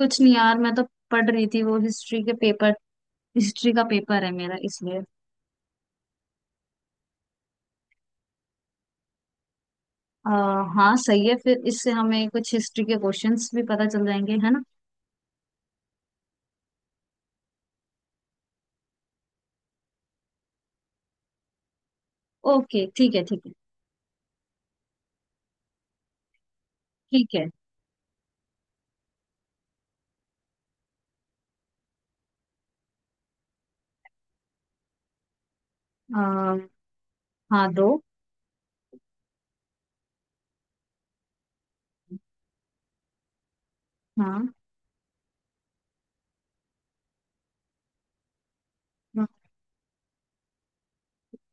कुछ नहीं यार, मैं तो पढ़ रही थी वो हिस्ट्री के पेपर। हिस्ट्री का पेपर है मेरा, इसलिए आ, हाँ, सही है। फिर इससे हमें कुछ हिस्ट्री के क्वेश्चंस भी पता चल जाएंगे, है ना। ओके, ठीक है, ठीक है, ठीक है। आ, हाँ, दो। हाँ,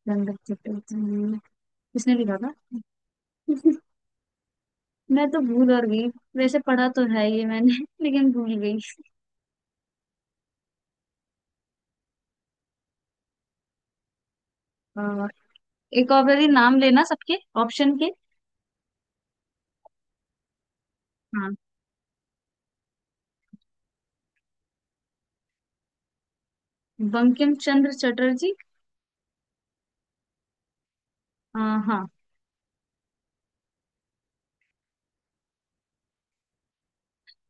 गंगा चटर्जी। किसने लिखा था? मैं तो भूल और गई। वैसे पढ़ा तो है ये मैंने लेकिन भूल गई। आ, एक और बारी नाम लेना सबके ऑप्शन के। हाँ, बंकिम चंद्र चटर्जी। आ, हाँ।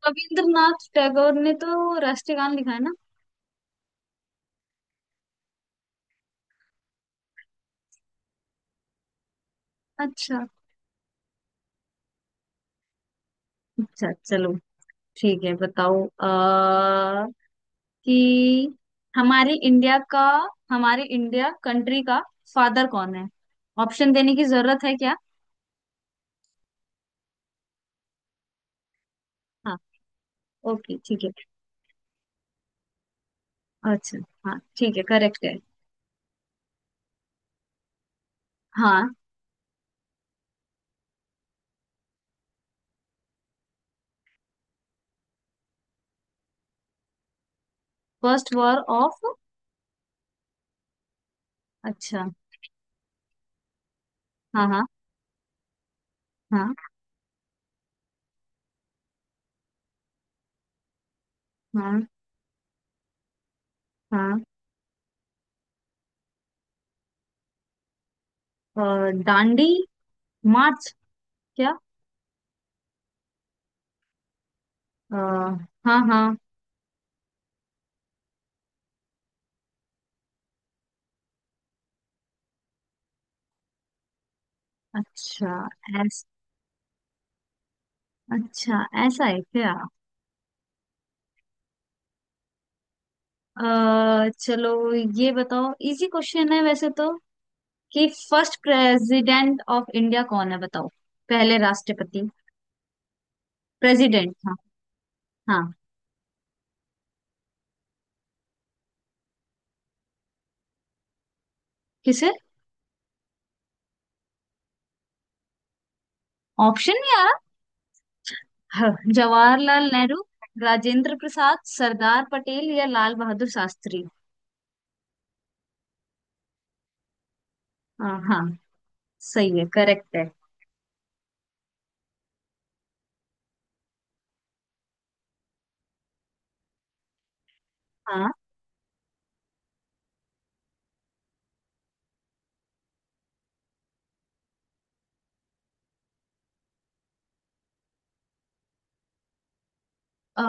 रविंद्रनाथ टैगोर ने तो राष्ट्रीय गान लिखा है ना। अच्छा। अच्छा चलो, ठीक है, बताओ कि हमारे इंडिया का, हमारे इंडिया कंट्री का फादर कौन है। ऑप्शन देने की जरूरत है क्या? हाँ। ओके, ठीक है। अच्छा, हाँ, ठीक है, करेक्ट है। हाँ। First war of. अच्छा। हाँ, हाँ। हाँ, हाँ, हाँ। दांडी मार्च, क्या? अ, हाँ, हाँ। अच्छा ऐस अच्छा, ऐसा है क्या? चलो ये बताओ, इजी क्वेश्चन है वैसे तो, कि फर्स्ट प्रेसिडेंट ऑफ इंडिया कौन है, बताओ। पहले राष्ट्रपति, प्रेसिडेंट था। हाँ। किसे? ऑप्शन नहीं आ रहा। जवाहरलाल नेहरू, राजेंद्र प्रसाद, सरदार पटेल या लाल बहादुर शास्त्री। हाँ, हाँ, सही है, करेक्ट है। हाँ। अ,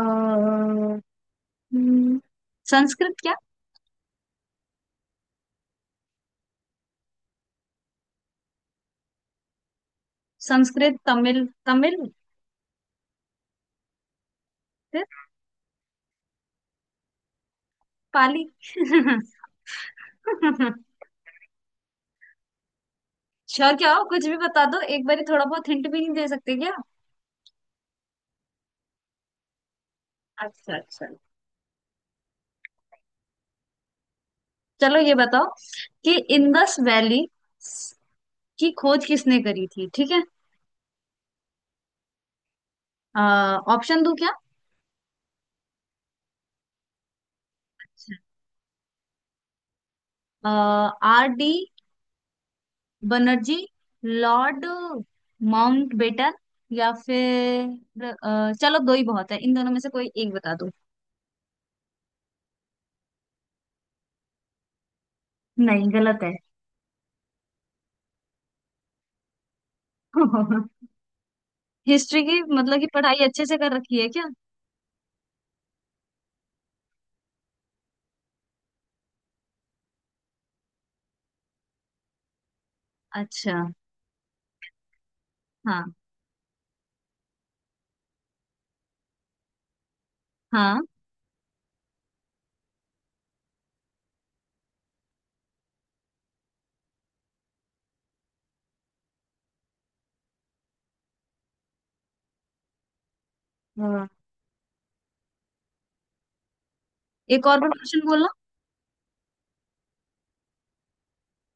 हम्म, संस्कृत क्या? संस्कृत, तमिल, तमिल। फिर पाली। अच्छा, क्या हो, कुछ भी बता दो एक बारी, थोड़ा बहुत हिंट भी नहीं दे सकते क्या? अच्छा, अच्छा। चलो ये बताओ कि इंडस वैली की खोज किसने करी थी, ठीक है। ऑप्शन दूं क्या? R D Banerjee, Lord Mountbatten या फिर चलो, दो ही बहुत है, इन दोनों में से कोई एक बता दो। नहीं, गलत है। हिस्ट्री की मतलब कि पढ़ाई अच्छे से कर रखी है क्या? अच्छा। हाँ, हाँ, हाँ, एक और भी क्वेश्चन बोलो।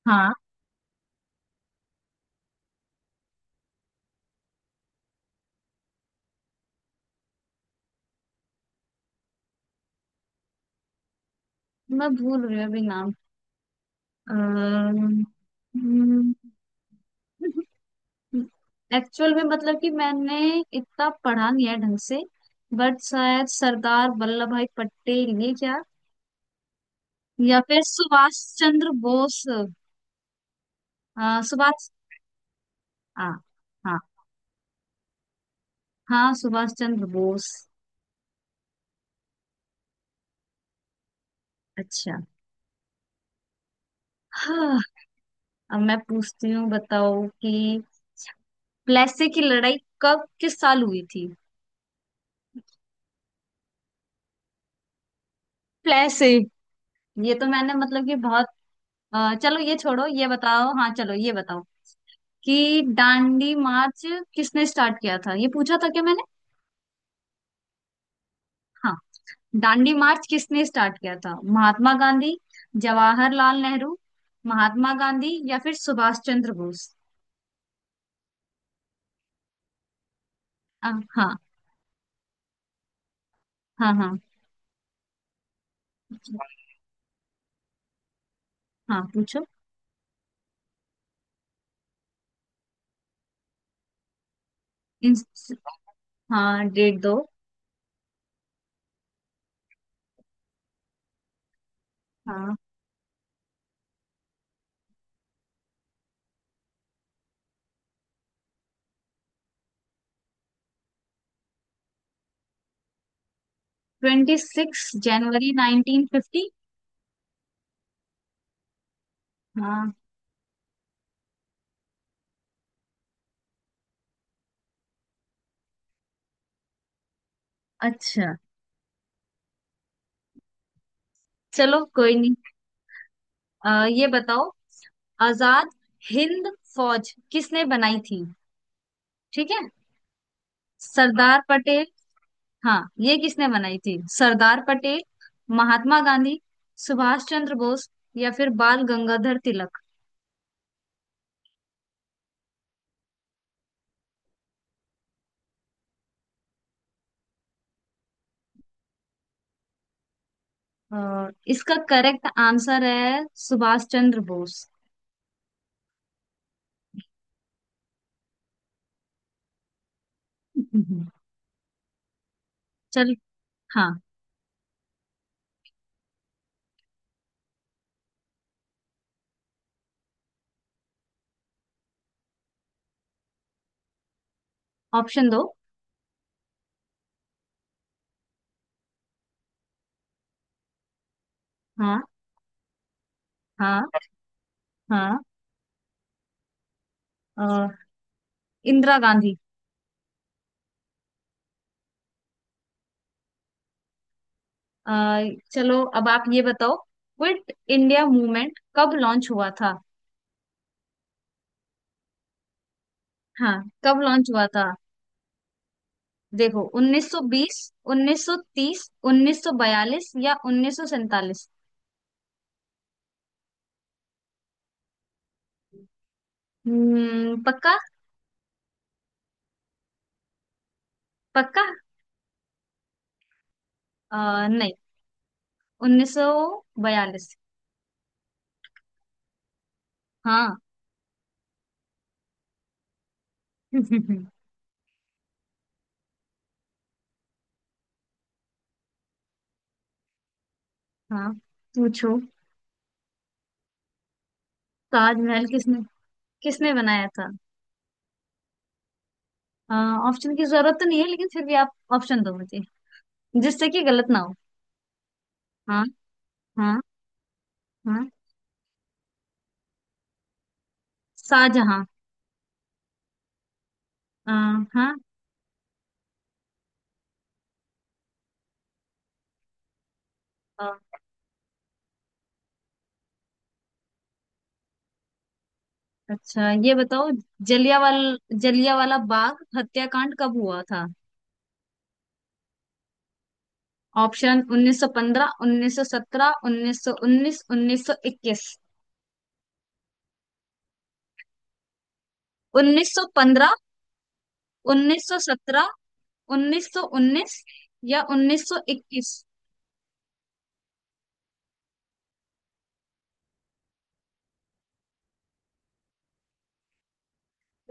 हाँ, मैं भूल रही हूँ अभी नाम। एक्चुअल में मतलब कि मैंने इतना पढ़ा नहीं है ढंग से। बट शायद सरदार वल्लभ भाई पटेल, ये क्या? या फिर सुभाष चंद्र बोस। सुभाष। हाँ। हाँ, हाँ, सुभाष चंद्र बोस। अच्छा। हाँ, अब मैं पूछती हूँ, बताओ कि प्लेसे की लड़ाई कब, किस साल हुई थी। प्लेसे। ये तो मैंने मतलब कि बहुत, चलो ये छोड़ो, ये बताओ, हाँ, चलो ये बताओ कि दांडी मार्च किसने स्टार्ट किया था, ये पूछा था क्या मैंने? हाँ। दांडी मार्च किसने स्टार्ट किया था? महात्मा गांधी, जवाहरलाल नेहरू, महात्मा गांधी या फिर सुभाष चंद्र बोस। आ, हाँ। हाँ, हाँ। हाँ। पूछो। इन, हाँ, डेट दो। हाँ, 26 जनवरी 1950। हाँ। अच्छा। चलो, कोई नहीं। ये बताओ, आजाद हिंद फौज किसने बनाई थी, ठीक है। सरदार पटेल। हाँ, ये किसने बनाई थी, सरदार पटेल, महात्मा गांधी, सुभाष चंद्र बोस या फिर बाल गंगाधर तिलक। इसका करेक्ट आंसर है सुभाष चंद्र बोस। हम्म। चल। हाँ। ऑप्शन दो। हाँ, हाँ। हाँ। अ, इंदिरा गांधी। अ, चलो, अब आप ये बताओ, क्विट इंडिया मूवमेंट कब लॉन्च हुआ था। हाँ, कब लॉन्च हुआ था, देखो। 1920, 1930, 1942 या 1947। पक्का? पक्का। नहीं, 1942। हाँ। हाँ, पूछो। ताजमहल किसने किसने बनाया था? ऑप्शन की जरूरत तो नहीं है लेकिन फिर भी आप ऑप्शन दो मुझे, जिससे कि गलत ना हो। हाँ, हाँ, हाँ। शाहजहां। अ, हाँ। अ, अच्छा ये बताओ, जलियावाल जलियावाला बाग हत्याकांड कब हुआ था? ऑप्शन 1915, 1917, 1919, 1921। 1915, 1917, 1919 या 1921।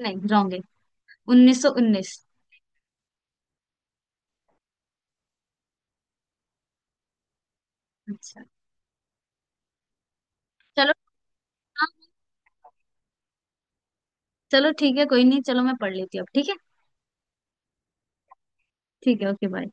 नहीं, रॉन्ग है, 1919। अच्छा। चलो। हाँ। चलो, ठीक है, कोई नहीं, चलो मैं पढ़ लेती हूँ अब, ठीक है। ठीक है, ओके, बाय।